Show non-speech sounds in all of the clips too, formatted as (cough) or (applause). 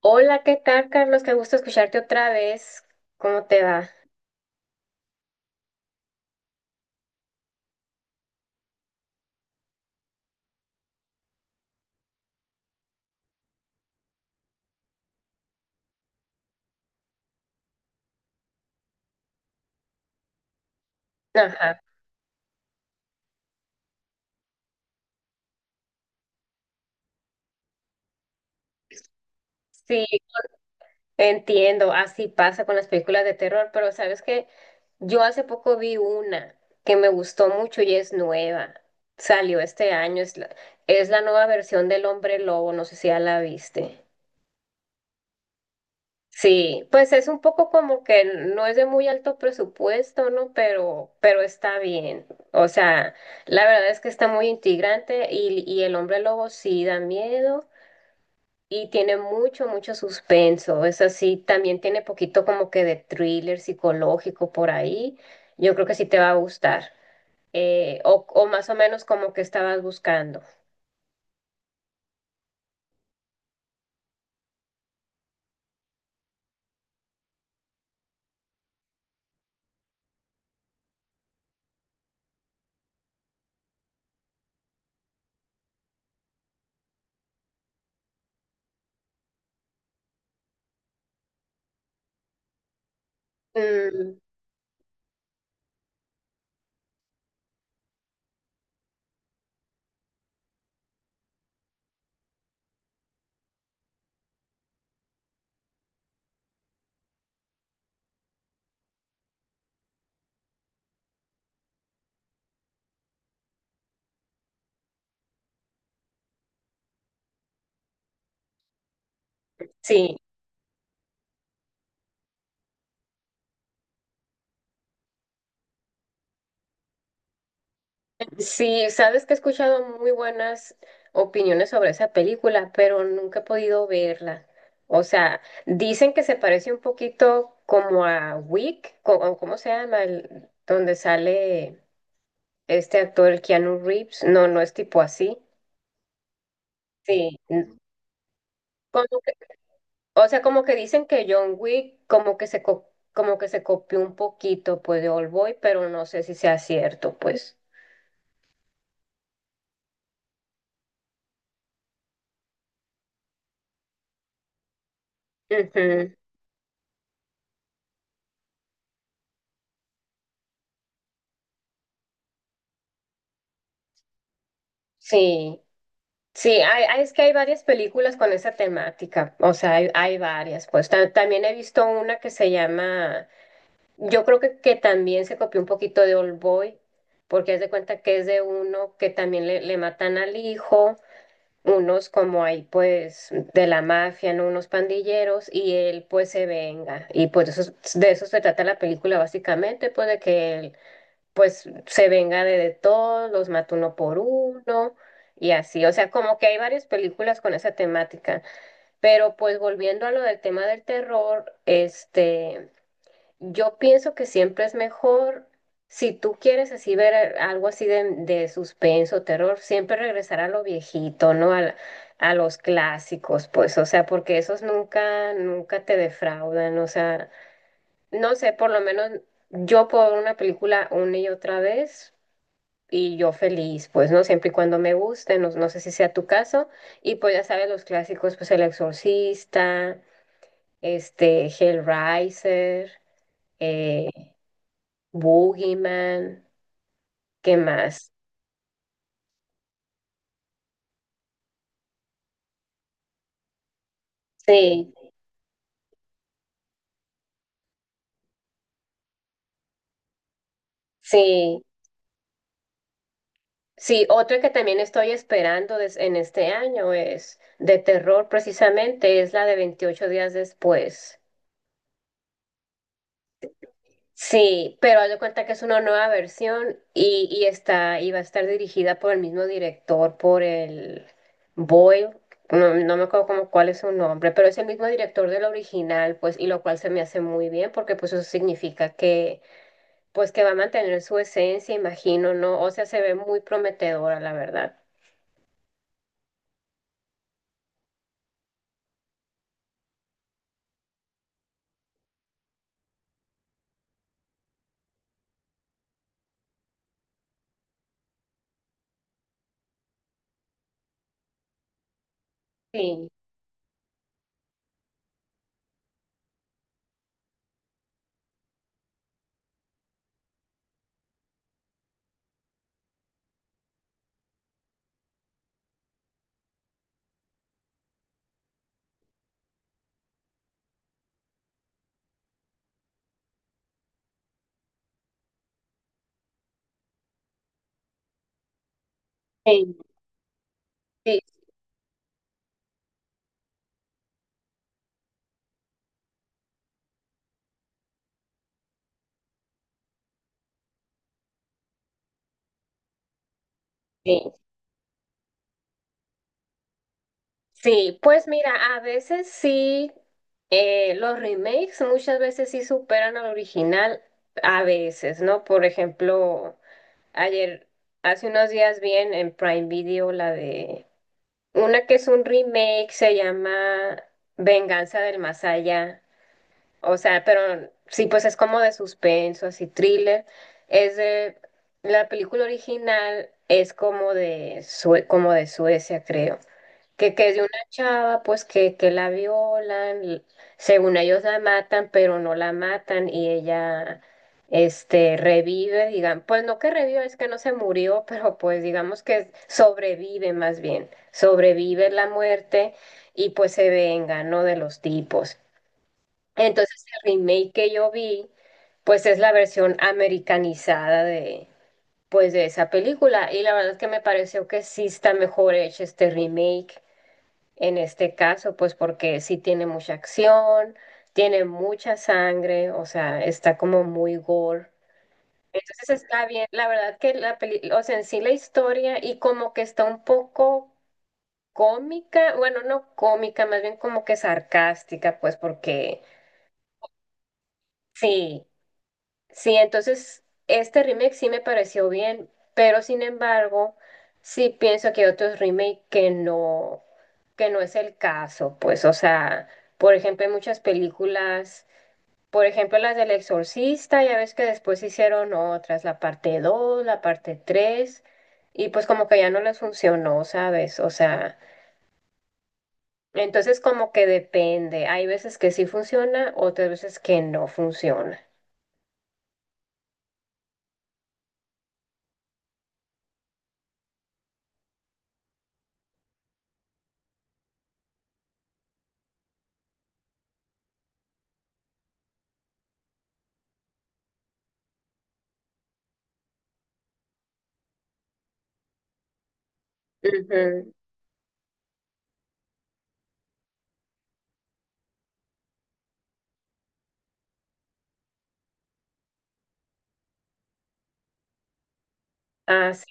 Hola, ¿qué tal, Carlos? Qué gusto escucharte otra vez. ¿Cómo te va? Ajá. Sí, entiendo. Así pasa con las películas de terror, pero sabes que yo hace poco vi una que me gustó mucho y es nueva. Salió este año. Es la nueva versión del Hombre Lobo. No sé si ya la viste. Sí, pues es un poco como que no es de muy alto presupuesto, ¿no? Pero está bien. O sea, la verdad es que está muy integrante y el hombre lobo sí da miedo y tiene mucho suspenso. Es así, también tiene poquito como que de thriller psicológico por ahí. Yo creo que sí te va a gustar. O más o menos como que estabas buscando. Mm, sí. Sí, sabes que he escuchado muy buenas opiniones sobre esa película, pero nunca he podido verla. O sea, dicen que se parece un poquito como a Wick, co- o cómo se llama, El- donde sale este actor, el Keanu Reeves. No, no es tipo así. Sí, n- como que... O sea, como que dicen que John Wick como que se co- como que se copió un poquito pues de Old Boy, pero no sé si sea cierto, pues. Ujú. Sí. Sí, hay... hay... es que hay varias películas con esa temática, o sea, hay varias, pues Ta- también he visto una que se llama, yo creo que también se copió un poquito de Old Boy, porque haz de cuenta que es de uno que también le matan al hijo, unos como ahí pues de la mafia, ¿no? Unos pandilleros, y él pues se venga, y pues de eso se trata la película básicamente, pues de que pues se venga de todos, los mata uno por uno y así. O sea, como que hay varias películas con esa temática. Pero pues volviendo a lo del tema del terror, este, yo pienso que siempre es mejor, si tú quieres así ver algo así de suspenso, terror, siempre regresar a lo viejito, ¿no? A los clásicos, pues, o sea, porque esos nunca te defraudan, o sea, no sé, por lo menos yo puedo ver una película una y otra vez y yo feliz, pues, ¿no? Siempre y cuando me guste, no, no sé si sea tu caso. Y pues ya sabes, los clásicos, pues El Exorcista, este, Hellraiser, eh, Boogeyman, ¿qué más? Sí, sí, sí. Otro que también estoy esperando des- en este año es de terror, precisamente, es la de 28 días después. Sí, pero haz de cuenta que es una nueva versión y va a estar dirigida por el mismo director, por el Boyle, no, no me acuerdo como cuál es su nombre, pero es el mismo director del original, pues, y lo cual se me hace muy bien, porque pues eso significa que, pues que va a mantener su esencia, imagino, ¿no? O sea, se ve muy prometedora, la verdad. Sí, sí, sí, sí. Sí, pues mira, a veces sí, los remakes muchas veces sí superan al original, a veces, ¿no? Por ejemplo, ayer, hace unos días vi en Prime Video la de una que es un remake, se llama Venganza del Más Allá. O sea, pero sí, pues es como de suspenso, así thriller. Es de, la película original es como de, Sue- como de Suecia, creo que es de una chava, pues que la violan, y según ellos la matan, pero no la matan y ella este, revive, digan, pues no que revive, es que no se murió, (laughs) pero pues digamos que sobrevive más bien, sobrevive la muerte y pues se venga, ¿no? De los tipos. Entonces el remake que yo vi, pues es la versión americanizada de... Pues de esa película, y la verdad es que me pareció que sí está mejor hecho este remake. En este caso, pues porque sí tiene mucha acción, tiene mucha sangre, o sea, está como muy gore. Entonces está bien, la verdad que la película, o sea, en sí la historia y como que está un poco cómica, bueno, no cómica, más bien como que sarcástica, pues porque sí. Sí, entonces este remake sí me pareció bien, pero sin embargo, sí pienso que hay otros remake que no es el caso, pues, o sea, por ejemplo, hay muchas películas, por ejemplo, las del Exorcista, ya ves que después hicieron otras, la parte 2, la parte 3, y pues como que ya no les funcionó, ¿sabes? O sea, entonces como que depende, hay veces que sí funciona, otras veces que no funciona. Ujú. Ah, sí.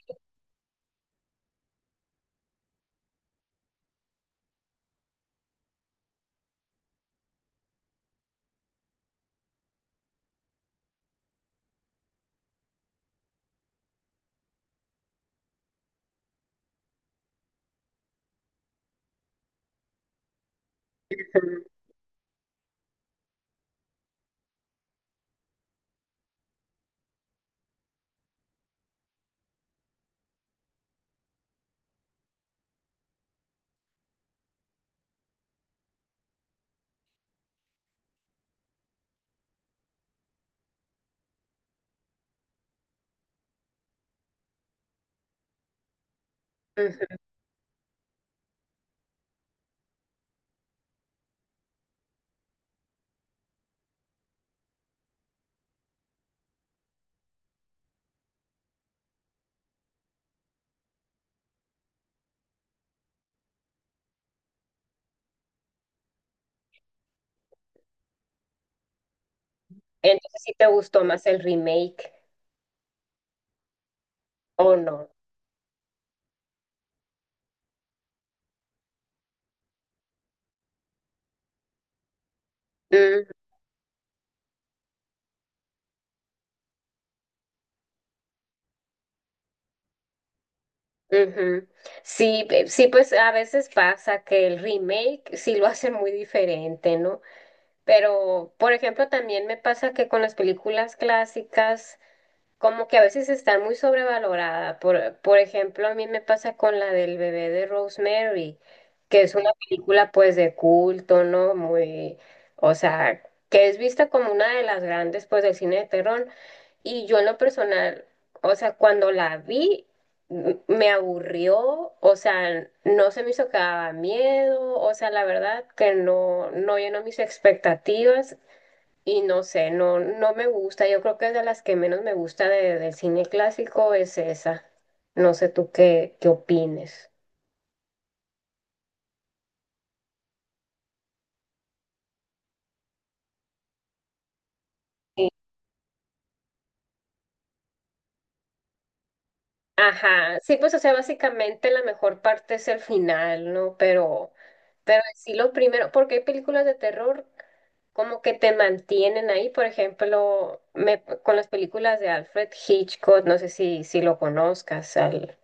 Ujú. Entonces, ¿si te gustó más el remake o no? Mm, ujú. Sí, pe- sí, pues a veces pasa que el remake sí lo hacen muy diferente, ¿no? Pero, por ejemplo, también me pasa que con las películas clásicas como que a veces está muy sobrevalorada. Por ejemplo, a mí me pasa con la del bebé de Rosemary, que es una película pues de culto, ¿no? Muy, o sea, que es vista como una de las grandes pues del cine de terror. Y yo en lo personal, o sea, cuando la vi, m- me aburrió, o sea, no se me hizo que daba miedo, o sea, la verdad que no, no llenó mis expectativas y no sé, no, no me gusta. Yo creo que es de las que menos me gusta de- del cine clásico es esa. No sé tú qué, qué opines. Sí. Ajá, sí, pues o sea, básicamente la mejor parte es el final, ¿no? Pero sí lo primero, porque hay películas de terror como que te mantienen ahí, por ejemplo, me, con las películas de Alfred Hitchcock, no sé si, si lo conozcas, al,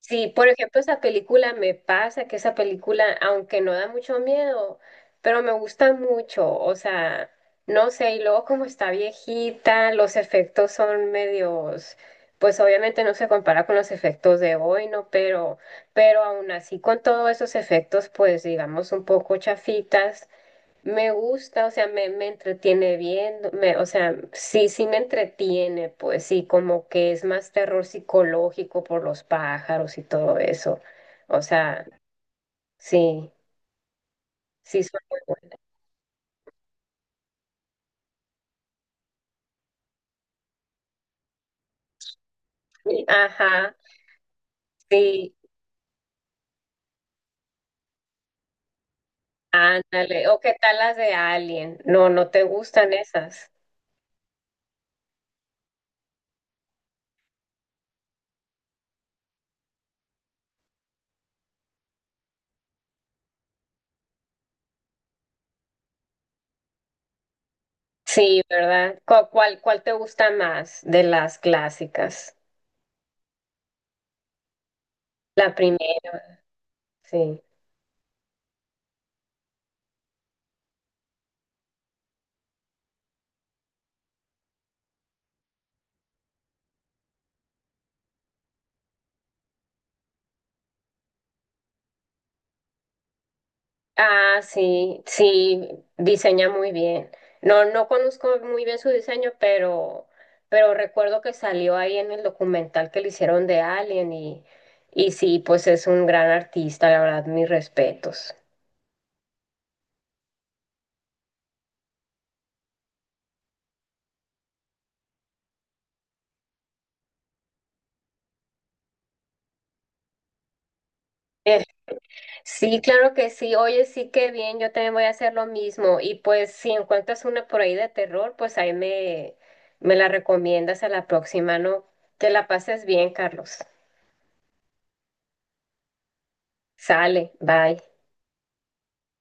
sí, por ejemplo, esa película me pasa que esa película, aunque no da mucho miedo, pero me gusta mucho, o sea, no sé, y luego como está viejita, los efectos son medios, pues obviamente no se compara con los efectos de hoy, ¿no? Pero aún así con todos esos efectos, pues digamos un poco chafitas, me gusta, o sea, me entretiene viendo, me, o sea, sí, sí me entretiene, pues sí, como que es más terror psicológico por los pájaros y todo eso. O sea, sí, sí son muy buenas. Sí, Ajá, sí, ándale. ¿O qué tal las de Alien? No, no te gustan esas. Sí, ¿verdad? ¿Cu- ¿Cuál, cuál te gusta más de las clásicas? La primera, sí. Ah, sí, sí, diseña muy bien. No, no conozco muy bien su diseño, pero recuerdo que salió ahí en el documental que le hicieron de Alien y sí, pues es un gran artista, la verdad, mis respetos. Eh, sí, claro que sí. Oye, sí, qué bien, yo también voy a hacer lo mismo. Y pues si encuentras una por ahí de terror, pues ahí me, me la recomiendas a la próxima, ¿no? Que la pases bien, Carlos. Sale, bye.